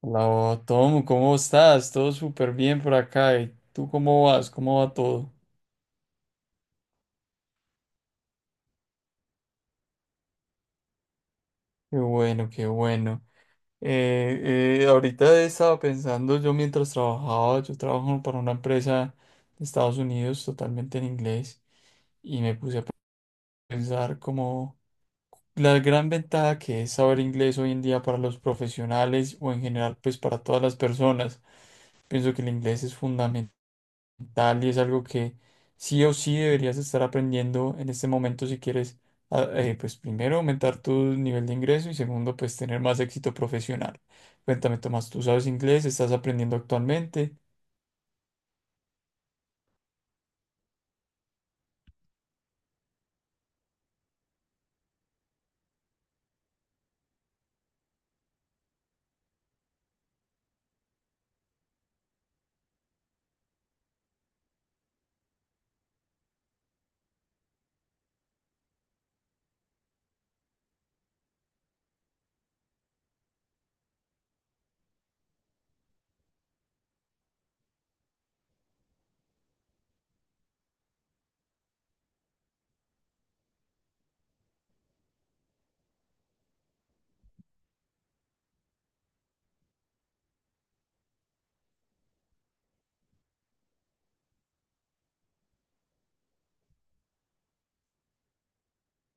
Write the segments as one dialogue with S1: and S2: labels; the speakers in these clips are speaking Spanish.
S1: Hola, Tom, ¿cómo estás? Todo súper bien por acá. ¿Y tú cómo vas? ¿Cómo va todo? Qué bueno, qué bueno. Ahorita estaba pensando, yo mientras trabajaba, yo trabajo para una empresa de Estados Unidos totalmente en inglés y me puse a pensar como la gran ventaja que es saber inglés hoy en día para los profesionales o en general pues para todas las personas. Pienso que el inglés es fundamental tal y es algo que sí o sí deberías estar aprendiendo en este momento si quieres, pues primero aumentar tu nivel de ingreso y segundo, pues tener más éxito profesional. Cuéntame, Tomás, ¿tú sabes inglés? ¿Estás aprendiendo actualmente?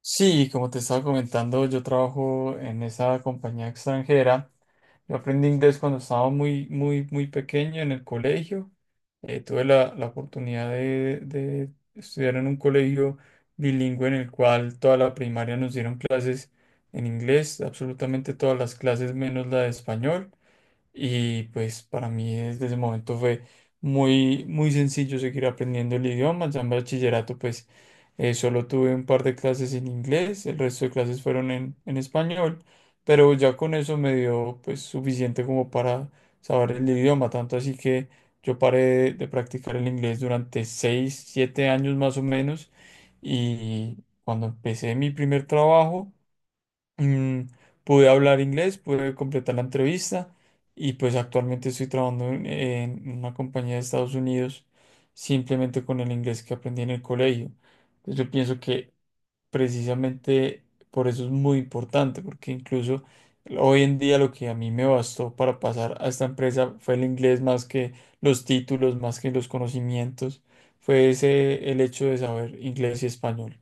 S1: Sí, como te estaba comentando, yo trabajo en esa compañía extranjera. Yo aprendí inglés cuando estaba muy, muy, muy pequeño en el colegio. Tuve la oportunidad de estudiar en un colegio bilingüe en el cual toda la primaria nos dieron clases en inglés, absolutamente todas las clases menos la de español. Y pues para mí desde ese momento fue muy, muy sencillo seguir aprendiendo el idioma. Ya en bachillerato pues solo tuve un par de clases en inglés, el resto de clases fueron en español, pero ya con eso me dio pues suficiente como para saber el idioma, tanto así que yo paré de practicar el inglés durante seis, siete años más o menos y cuando empecé mi primer trabajo Mm, pude hablar inglés, pude completar la entrevista y pues actualmente estoy trabajando en una compañía de Estados Unidos simplemente con el inglés que aprendí en el colegio. Entonces yo pienso que precisamente por eso es muy importante, porque incluso hoy en día lo que a mí me bastó para pasar a esta empresa fue el inglés más que los títulos, más que los conocimientos, fue ese el hecho de saber inglés y español.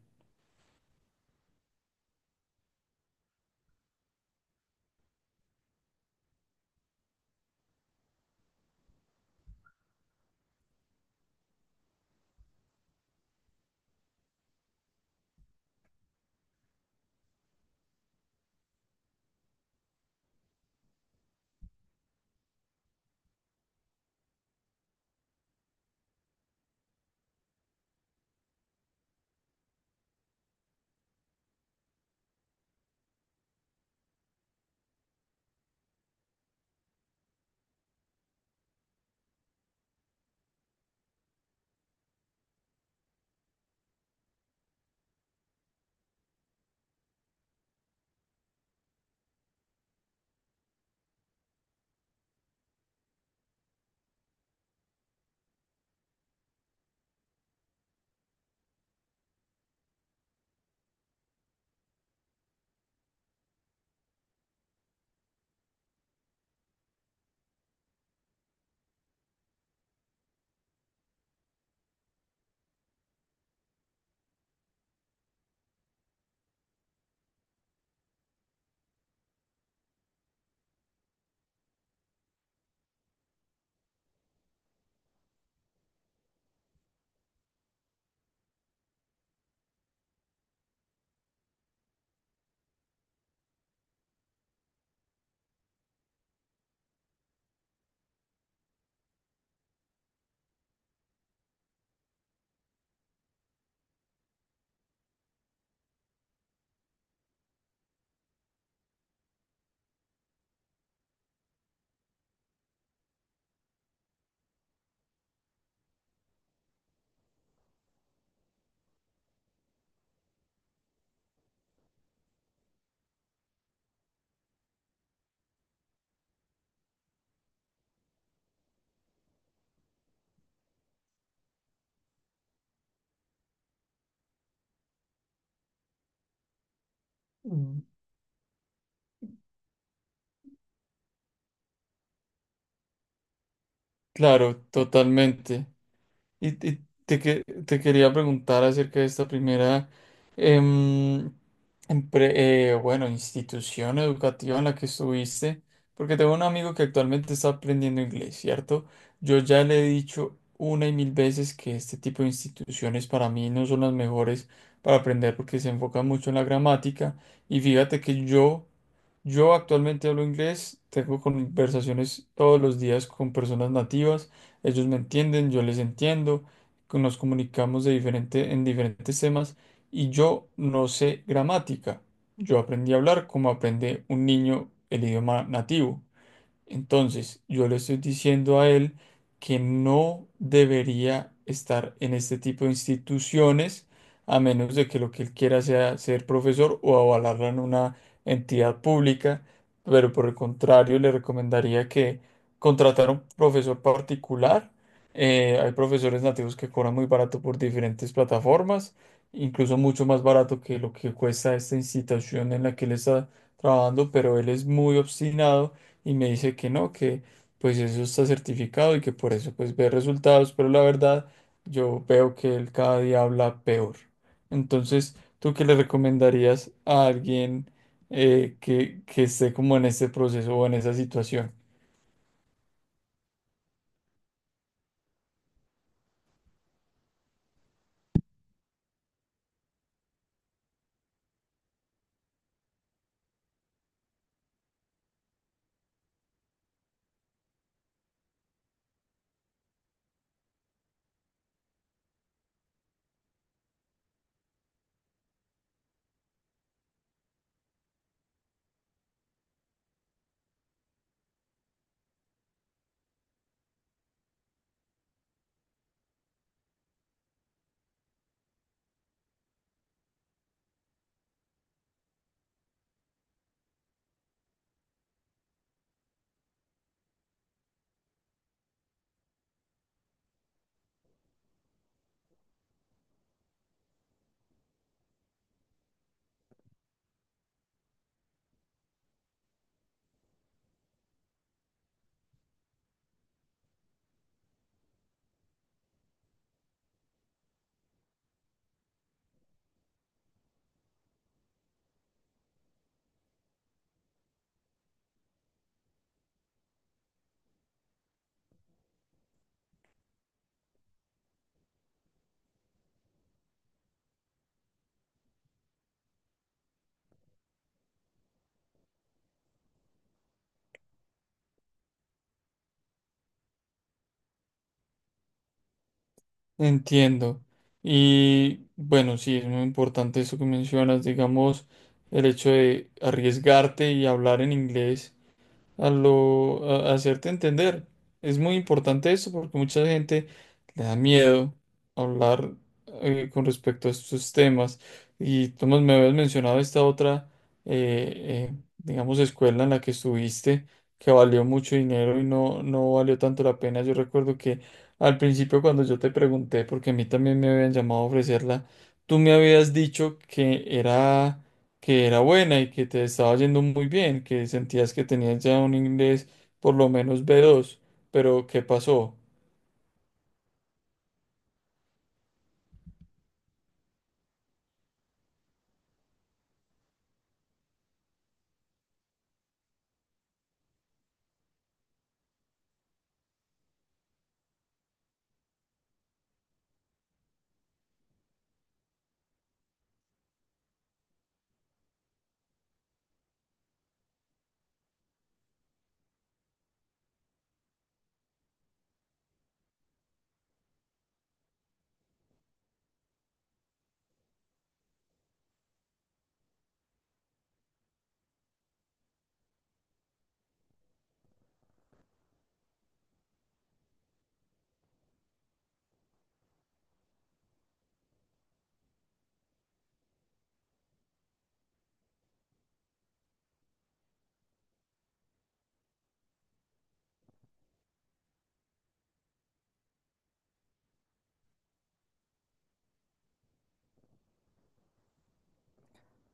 S1: Mm. Claro, totalmente. Te quería preguntar acerca de esta primera, em, institución educativa en la que estuviste, porque tengo un amigo que actualmente está aprendiendo inglés, ¿cierto? Yo ya le he dicho una y mil veces que este tipo de instituciones para mí no son las mejores para aprender porque se enfocan mucho en la gramática. Y fíjate que yo, yo actualmente hablo inglés, tengo conversaciones todos los días con personas nativas, ellos me entienden, yo les entiendo, que nos comunicamos de diferente, en diferentes temas y yo no sé gramática. Yo aprendí a hablar como aprende un niño el idioma nativo. Entonces, yo le estoy diciendo a él que no debería estar en este tipo de instituciones, a menos de que lo que él quiera sea ser profesor o avalarlo en una entidad pública, pero por el contrario, le recomendaría que contratara un profesor particular. Hay profesores nativos que cobran muy barato por diferentes plataformas, incluso mucho más barato que lo que cuesta esta institución en la que él está trabajando, pero él es muy obstinado y me dice que no, que pues eso está certificado y que por eso pues ve resultados, pero la verdad yo veo que él cada día habla peor. Entonces, ¿tú qué le recomendarías a alguien que esté como en este proceso o en esa situación? Entiendo. Y bueno, sí, es muy importante eso que mencionas, digamos, el hecho de arriesgarte y hablar en inglés a hacerte entender. Es muy importante eso porque mucha gente le da miedo hablar con respecto a estos temas. Y Tomás, me habías mencionado esta otra, digamos, escuela en la que estuviste, que valió mucho dinero y no, no valió tanto la pena. Yo recuerdo que al principio cuando yo te pregunté, porque a mí también me habían llamado a ofrecerla, tú me habías dicho que era buena y que te estaba yendo muy bien, que sentías que tenías ya un inglés por lo menos B2, pero ¿qué pasó?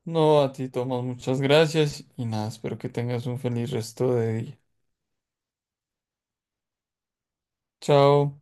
S1: No, a ti, Tomás, muchas gracias y nada, espero que tengas un feliz resto de día. Chao.